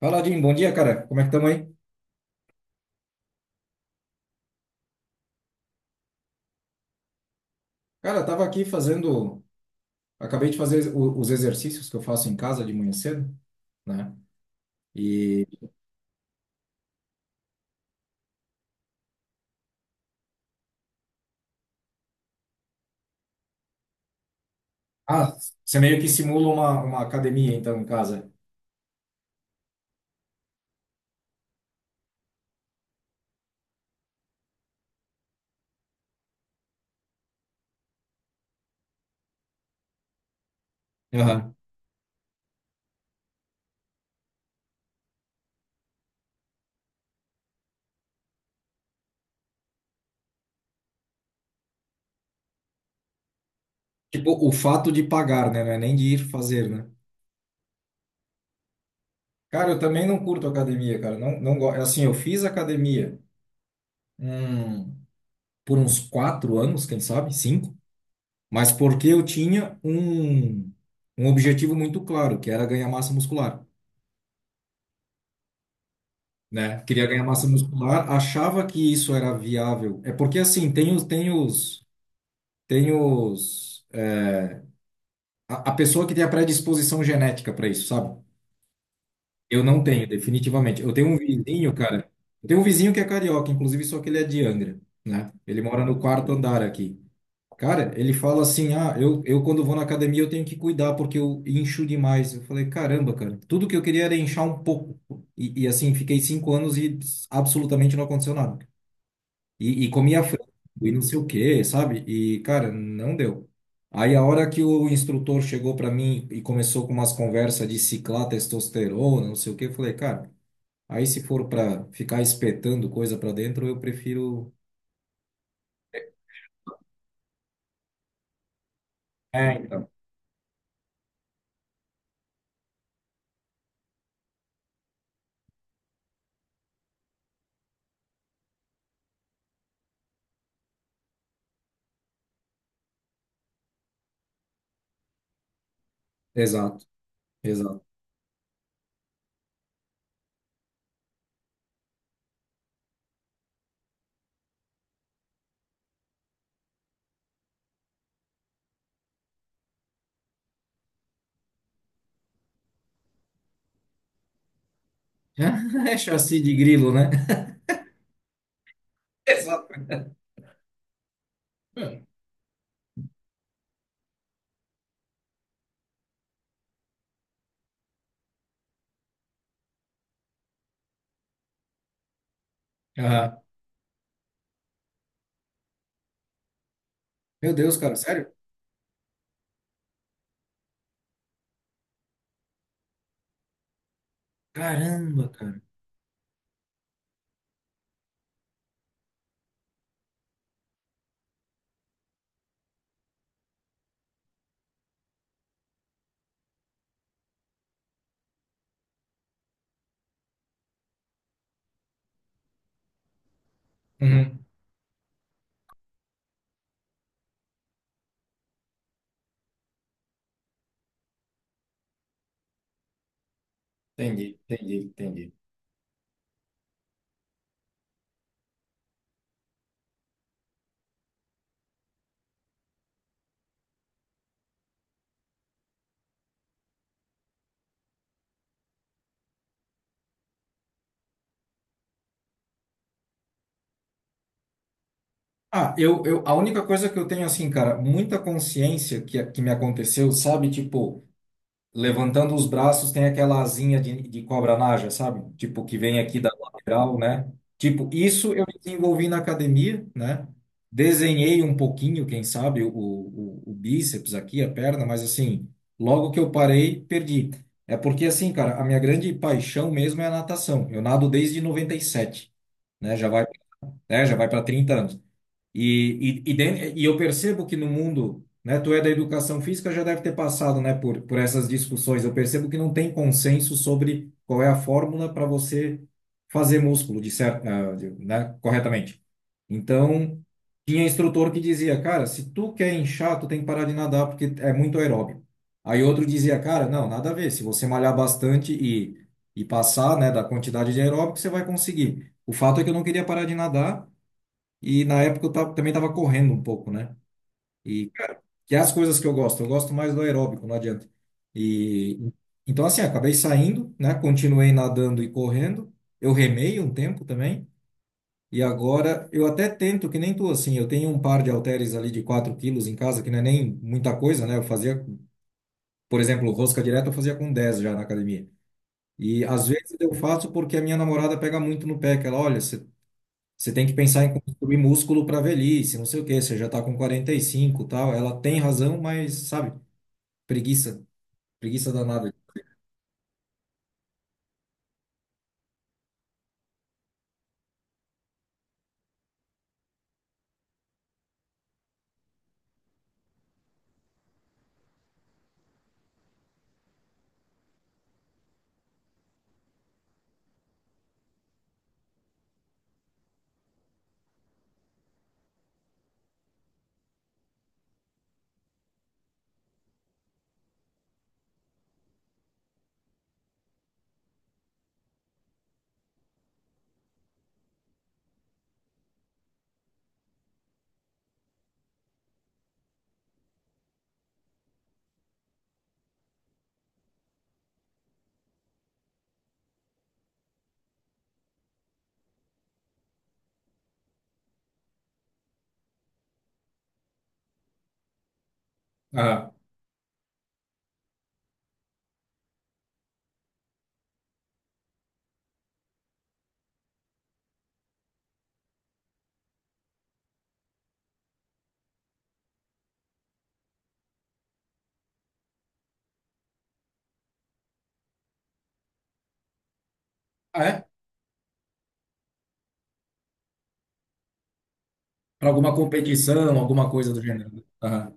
Fala, Jim. Bom dia, cara. Como é que estamos aí? Cara, eu tava aqui fazendo. Acabei de fazer os exercícios que eu faço em casa de manhã cedo, né? E. Ah, você meio que simula uma academia, então, em casa. Aham. Tipo, o fato de pagar, né? Não é nem de ir fazer, né? Cara, eu também não curto academia, cara. Não, não gosto. Assim, eu fiz academia hum, por uns quatro anos, quem sabe, cinco, mas porque eu tinha um objetivo muito claro, que era ganhar massa muscular. Né? Queria ganhar massa muscular, achava que isso era viável. É porque assim, tem os, a pessoa que tem a predisposição genética para isso, sabe? Eu não tenho, definitivamente. Eu tenho um vizinho, cara. Eu tenho um vizinho que é carioca, inclusive, só que ele é de Angra, né? Ele mora no quarto andar aqui. Cara, ele fala assim: ah, eu quando vou na academia eu tenho que cuidar porque eu incho demais. Eu falei: caramba, cara, tudo que eu queria era inchar um pouco. E assim, fiquei cinco anos e absolutamente não aconteceu nada. E comia frango e não sei o quê, sabe? E, cara, não deu. Aí a hora que o instrutor chegou para mim e começou com umas conversas de ciclar testosterona, não sei o quê, eu falei, cara, aí se for para ficar espetando coisa para dentro, eu prefiro. É, então. Exato, exato. É chassi de grilo, né? Exato. Aham. Meu Deus, cara, sério? Caramba, cara. Uhum. Entendi, entendi, entendi. Ah, a única coisa que eu tenho, assim, cara, muita consciência que me aconteceu, sabe? Tipo, levantando os braços, tem aquela asinha de cobra naja, sabe? Tipo, que vem aqui da lateral, né? Tipo, isso eu desenvolvi na academia, né? Desenhei um pouquinho, quem sabe, o bíceps aqui, a perna, mas assim, logo que eu parei, perdi. É porque, assim, cara, a minha grande paixão mesmo é a natação. Eu nado desde 97, né? Já vai, né? Já vai para 30 anos. E eu percebo que no mundo, né, tu é da educação física, já deve ter passado, né, por essas discussões. Eu percebo que não tem consenso sobre qual é a fórmula para você fazer músculo de certo, né, corretamente. Então, tinha instrutor que dizia, cara, se tu quer inchar, tu tem que parar de nadar porque é muito aeróbio. Aí outro dizia, cara, não, nada a ver. Se você malhar bastante e passar, né, da quantidade de aeróbico, você vai conseguir. O fato é que eu não queria parar de nadar. E na época eu também estava correndo um pouco, né? E cara, que é as coisas que eu gosto mais do aeróbico, não adianta. E então assim, acabei saindo, né? Continuei nadando e correndo. Eu remei um tempo também. E agora eu até tento, que nem tu, assim, eu tenho um par de halteres ali de 4 quilos em casa, que não é nem muita coisa, né? Eu fazia, por exemplo, rosca direta eu fazia com 10 já na academia. E às vezes eu faço porque a minha namorada pega muito no pé, que ela, olha, Você tem que pensar em construir músculo para velhice, não sei o quê, você já está com 45 e cinco, e tal. Ela tem razão, mas, sabe, preguiça, preguiça danada. Ah, ah, é? Para alguma competição, alguma coisa do gênero. Aham.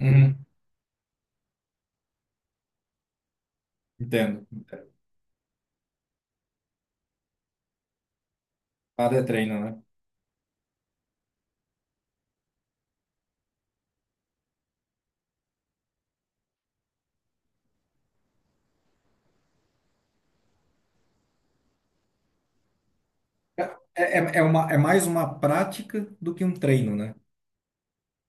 Uhum. Entendo. Entendo. Nada é treino, né? É mais uma prática do que um treino, né?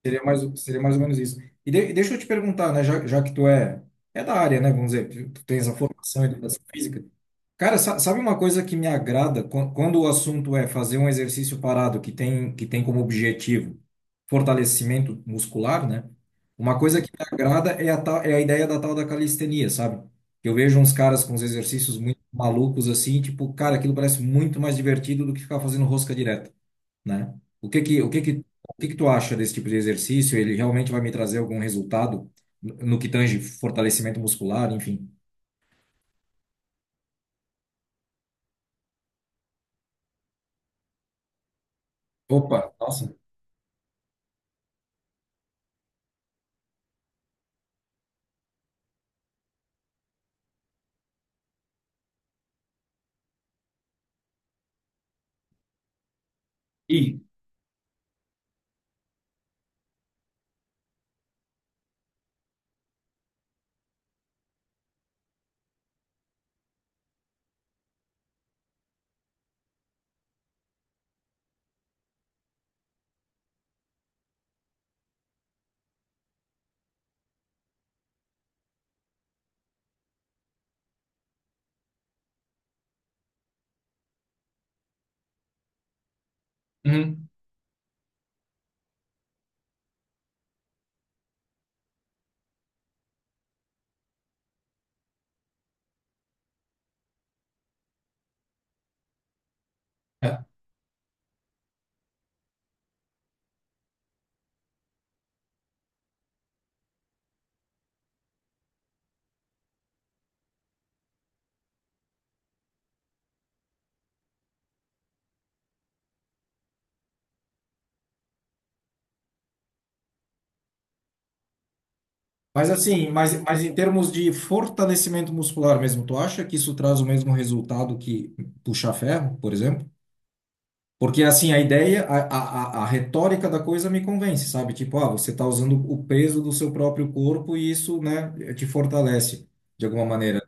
Seria mais ou menos isso. E deixa eu te perguntar, né, já que tu é da área, né, vamos dizer, tu tens a formação em educação física. Cara, sabe uma coisa que me agrada. Quando o assunto é fazer um exercício parado que tem como objetivo fortalecimento muscular, né? Uma coisa que me agrada é a ideia da tal da calistenia, sabe? Eu vejo uns caras com uns exercícios muito malucos assim, tipo, cara, aquilo parece muito mais divertido do que ficar fazendo rosca direta, né? O que que, o que que, o que que tu acha desse tipo de exercício? Ele realmente vai me trazer algum resultado no que tange fortalecimento muscular, enfim? Opa, nossa. E uhum. É. Mas assim, mas em termos de fortalecimento muscular mesmo, tu acha que isso traz o mesmo resultado que puxar ferro, por exemplo? Porque assim, a ideia, a retórica da coisa me convence, sabe? Tipo, ah, você está usando o peso do seu próprio corpo e isso, né, te fortalece de alguma maneira.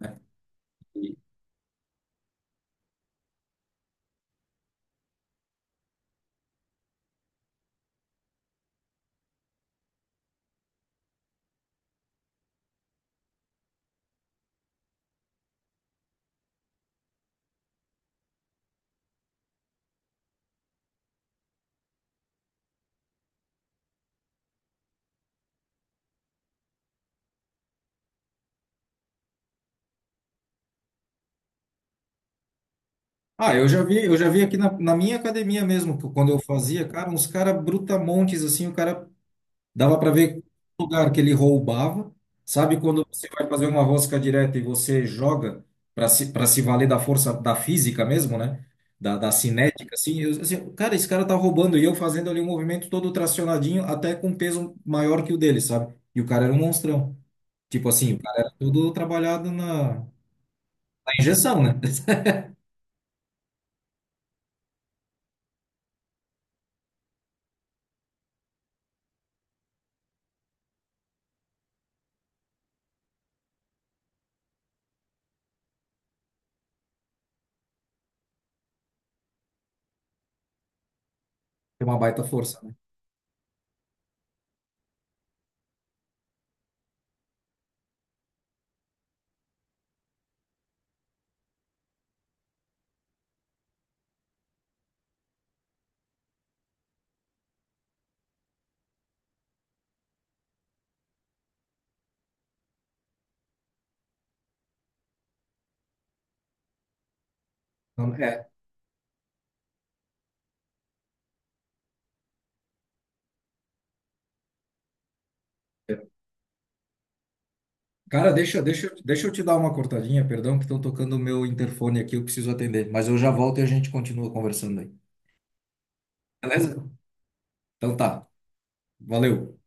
Ah, eu já vi aqui na minha academia mesmo, que quando eu fazia, cara, uns cara brutamontes assim, o cara dava para ver o lugar que ele roubava. Sabe quando você vai fazer uma rosca direta e você joga para se valer da força da física mesmo, né? Da cinética, assim, assim, cara, esse cara tá roubando e eu fazendo ali um movimento todo tracionadinho, até com peso maior que o dele, sabe? E o cara era um monstrão. Tipo assim, o cara era todo trabalhado na injeção, né? É uma baita força, né? Então, cara, deixa eu te dar uma cortadinha, perdão, que estão tocando o meu interfone aqui, eu preciso atender. Mas eu já volto e a gente continua conversando aí. Beleza? Então tá. Valeu.